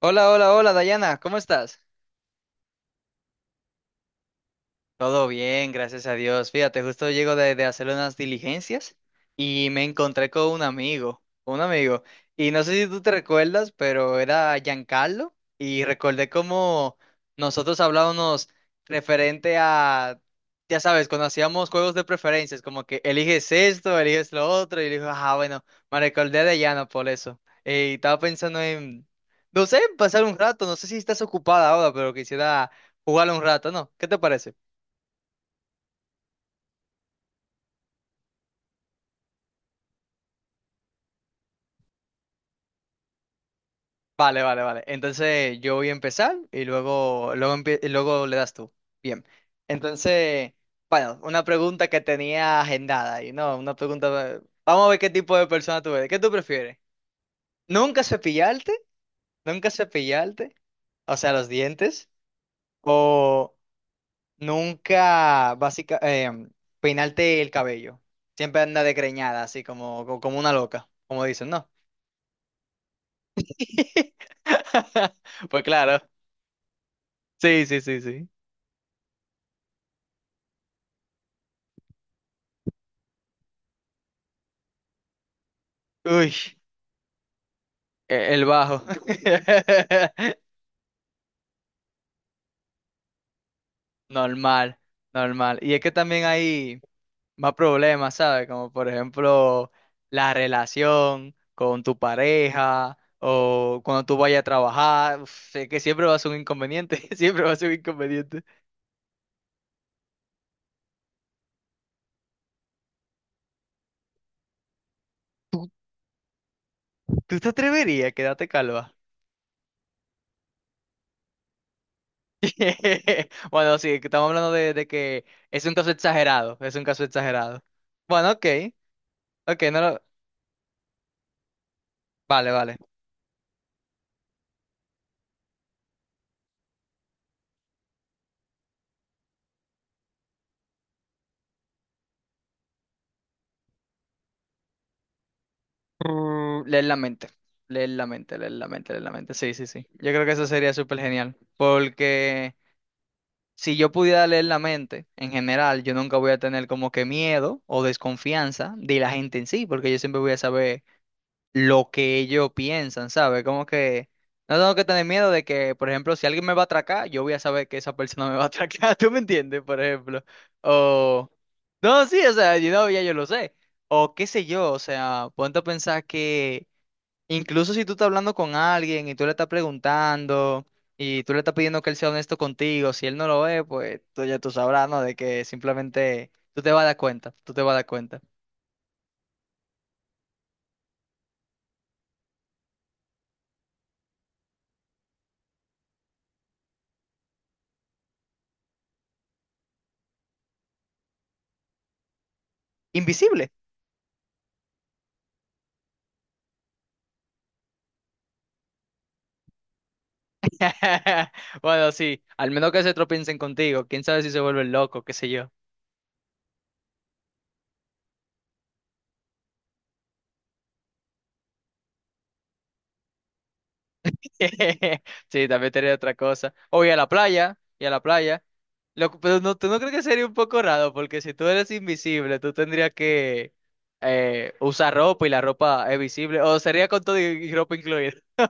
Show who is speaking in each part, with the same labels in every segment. Speaker 1: Hola, hola, hola, Dayana, ¿cómo estás? Todo bien, gracias a Dios. Fíjate, justo llego de hacer unas diligencias y me encontré con un amigo. Y no sé si tú te recuerdas, pero era Giancarlo y recordé cómo nosotros hablábamos referente a, ya sabes, cuando hacíamos juegos de preferencias, como que eliges esto, eliges lo otro, y dijo, ah, bueno, me recordé de Llano por eso. Y estaba pensando en, no sé, pasar un rato, no sé si estás ocupada ahora, pero quisiera jugar un rato, ¿no? ¿Qué te parece? Vale, vale, vale. Entonces yo voy a empezar y y luego le das tú. Bien. Entonces, bueno, una pregunta que tenía agendada y no, una pregunta. Vamos a ver qué tipo de persona tú eres. ¿Qué tú prefieres? ¿Nunca cepillarte? ¿Nunca cepillarte? O sea, los dientes. ¿O nunca, peinarte el cabello? Siempre anda desgreñada, así como, como una loca, como dicen, ¿no? Pues claro. Sí, sí, sí, sí. Uy. El bajo. Normal, normal. Y es que también hay más problemas, ¿sabes? Como por ejemplo la relación con tu pareja o cuando tú vayas a trabajar. Uf, sé que siempre va a ser un inconveniente, siempre va a ser un inconveniente. ¿Tú, tú te atreverías a quedarte calva? Bueno, sí, que estamos hablando de que es un caso exagerado, es un caso exagerado. Bueno, ok, ok, no lo... Vale, vale. Leer la mente, leer la mente, leer la mente, leer la mente. Sí, sí, sí. Yo creo que eso sería súper genial. Porque si yo pudiera leer la mente, en general, yo nunca voy a tener como que miedo o desconfianza de la gente en sí, porque yo siempre voy a saber lo que ellos piensan, ¿sabes? Como que no tengo que tener miedo de que, por ejemplo, si alguien me va a atracar, yo voy a saber que esa persona me va a atracar. ¿Tú me entiendes? Por ejemplo. O... No, sí, o sea, yo, no, ya yo lo sé. O qué sé yo, o sea, ponte a pensar que incluso si tú estás hablando con alguien y tú le estás preguntando y tú le estás pidiendo que él sea honesto contigo, si él no lo es, pues tú ya tú sabrás, ¿no? De que simplemente tú te vas a dar cuenta, tú te vas a dar cuenta. Invisible. Bueno, sí, al menos que se tropiecen contigo, quién sabe si se vuelve loco, qué sé yo. Sí, también tenía otra cosa. O y a la playa, y a la playa. Lo que- pero no, ¿tú no crees que sería un poco raro? Porque si tú eres invisible, tú tendrías que usar ropa y la ropa es visible. O sería con todo y ropa incluida.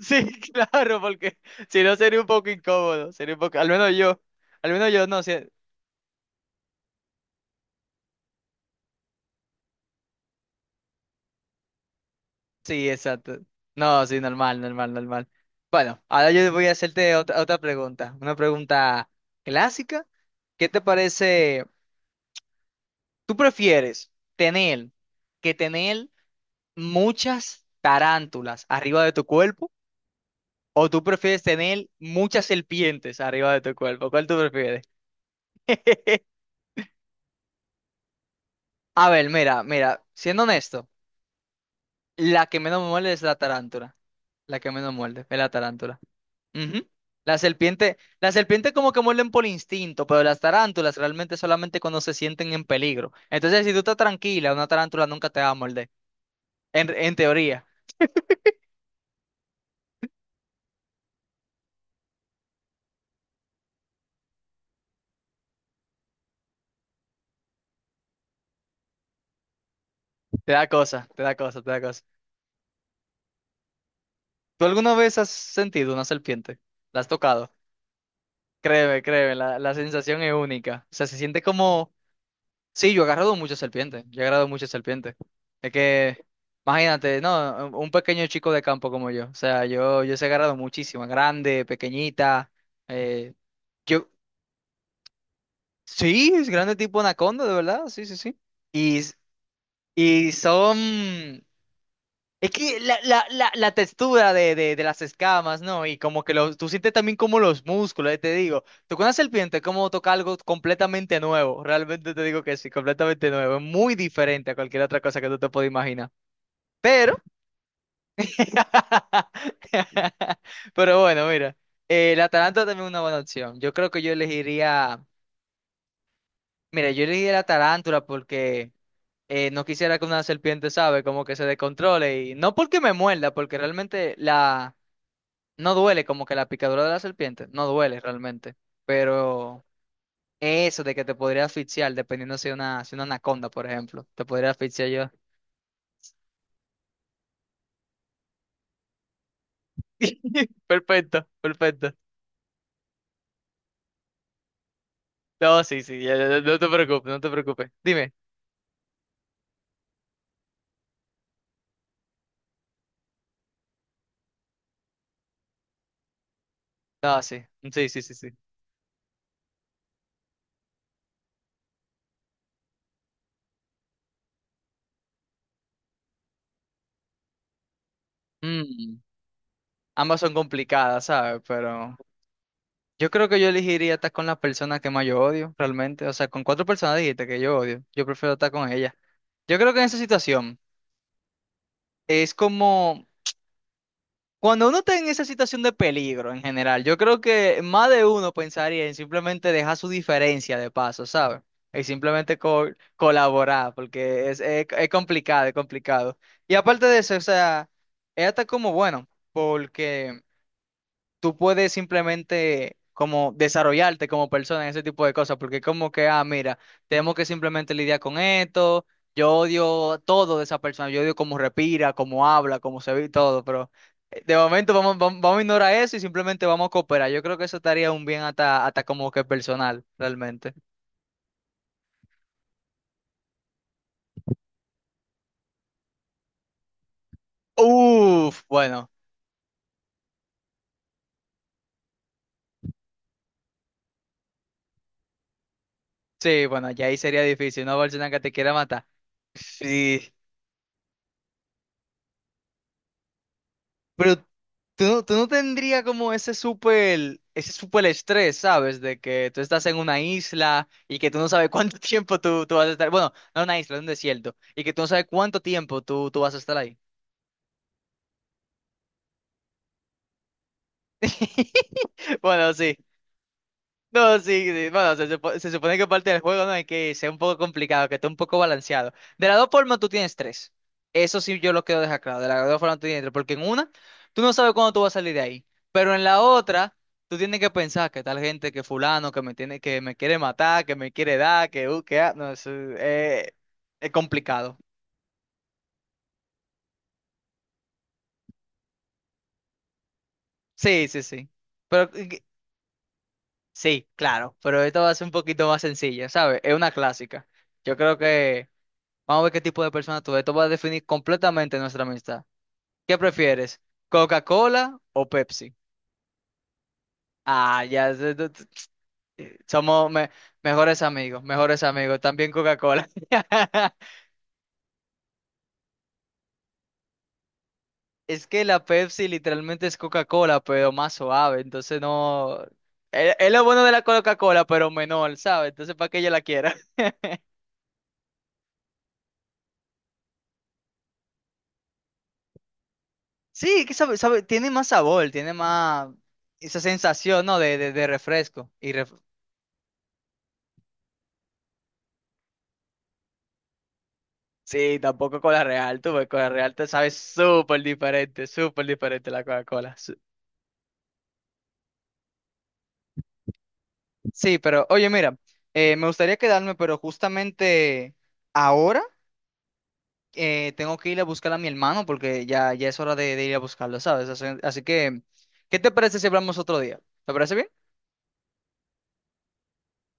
Speaker 1: Sí, claro, porque si no sería un poco incómodo. Sería un poco, al menos yo no sé. Sí, exacto. No, sí, normal, normal, normal. Bueno, ahora yo voy a hacerte otra pregunta. Una pregunta clásica. ¿Qué te parece? ¿Tú prefieres tener tener muchas tarántulas arriba de tu cuerpo o tú prefieres tener muchas serpientes arriba de tu cuerpo? ¿Cuál tú prefieres? A ver, mira, mira, siendo honesto, la que menos me muerde es la tarántula. La que menos muerde es la tarántula. Ujú. La serpiente como que muerden por instinto, pero las tarántulas realmente solamente cuando se sienten en peligro. Entonces, si tú estás tranquila, una tarántula nunca te va a morder. En teoría, te da cosa, te da cosa, te da cosa. ¿Tú alguna vez has sentido una serpiente? ¿La has tocado? Créeme, créeme, la sensación es única. O sea, se siente como... Sí, yo he agarrado muchas serpientes, yo he agarrado muchas serpientes. Es que, imagínate, no, un pequeño chico de campo como yo. O sea, yo se he agarrado muchísimas, grande, pequeñita. eh, yo, sí, es grande tipo anaconda, de verdad, sí, sí, sí. Y, y son... Es que la textura de las escamas, ¿no? Y como que los, tú sientes también como los músculos, te digo. Tocar una serpiente es como tocar algo completamente nuevo. Realmente te digo que sí, completamente nuevo. Es muy diferente a cualquier otra cosa que tú te puedas imaginar. Pero, pero bueno, mira. La tarántula también es una buena opción. Yo creo que yo elegiría, mira, yo elegiría la tarántula porque no quisiera que una serpiente, ¿sabe? Como que se descontrole. Y no porque me muerda, porque realmente la... No duele como que la picadura de la serpiente, no duele realmente, pero eso de que te podría asfixiar, dependiendo si una anaconda, por ejemplo, te podría asfixiar yo. Perfecto, perfecto. No, sí, sí, ya, ya, ya, no te preocupes, no te preocupes. Dime. No, sí, sí, sí, sí, sí. Mm, ambas son complicadas, ¿sabes? Pero yo creo que yo elegiría estar con las personas que más yo odio, realmente. O sea, con cuatro personas dijiste que yo odio, yo prefiero estar con ellas. Yo creo que en esa situación es como... Cuando uno está en esa situación de peligro en general, yo creo que más de uno pensaría en simplemente dejar su diferencia de paso, ¿sabes? Y simplemente colaborar, porque es complicado, es complicado. Y aparte de eso, o sea, es hasta como bueno, porque tú puedes simplemente como desarrollarte como persona en ese tipo de cosas, porque como que, ah, mira, tenemos que simplemente lidiar con esto, yo odio todo de esa persona, yo odio cómo respira, cómo habla, cómo se ve y todo, pero de momento vamos, vamos a ignorar eso y simplemente vamos a cooperar. Yo creo que eso estaría un bien hasta, hasta como que personal, realmente. Uf, bueno, sí, bueno, ya ahí sería difícil, una persona que te quiera matar. Sí. pero tú no tendría como ese súper estrés, ¿sabes? De que tú estás en una isla y que tú no sabes cuánto tiempo tú vas a estar. Bueno, no una isla, es un desierto. Y que tú no sabes cuánto tiempo tú vas a estar ahí. Bueno, sí. No, sí, sí, bueno, se supone que parte del juego no hay que sea un poco complicado, que esté un poco balanceado. De las dos formas tú tienes tres. Eso sí yo lo quiero dejar claro. De las dos formas tú tienes tres, porque en una tú no sabes cuándo tú vas a salir de ahí, pero en la otra tú tienes que pensar que tal gente, que fulano, que me tiene, que me quiere matar, que me quiere dar, que ah, no, eso, es complicado. Sí, sí, sí. Pero sí, claro. Pero esto va a ser un poquito más sencilla, ¿sabes? Es una clásica. Yo creo que Vamos a ver qué tipo de persona tú eres. Esto va a definir completamente nuestra amistad. ¿Qué prefieres? ¿Coca-Cola o Pepsi? Ah, ya. Somos me- mejores amigos, mejores amigos. También Coca-Cola. Es que la Pepsi literalmente es Coca-Cola, pero más suave. Entonces no... Es lo bueno de la Coca-Cola, pero menor, ¿sabes? Entonces, ¿para que ella la quiera? Sí, que sabe, sabe, tiene más sabor, tiene más esa sensación, ¿no? De refresco. Y sí, tampoco Cola Real, tú, porque Cola Real te sabe súper diferente la Coca-Cola. Sí, pero oye, mira, me gustaría quedarme, pero justamente ahora tengo que ir a buscar a mi hermano porque ya, ya es hora de ir a buscarlo, ¿sabes? Así, así que, ¿qué te parece si hablamos otro día? ¿Te parece bien?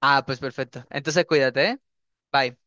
Speaker 1: Ah, pues perfecto. Entonces cuídate, ¿eh? Bye.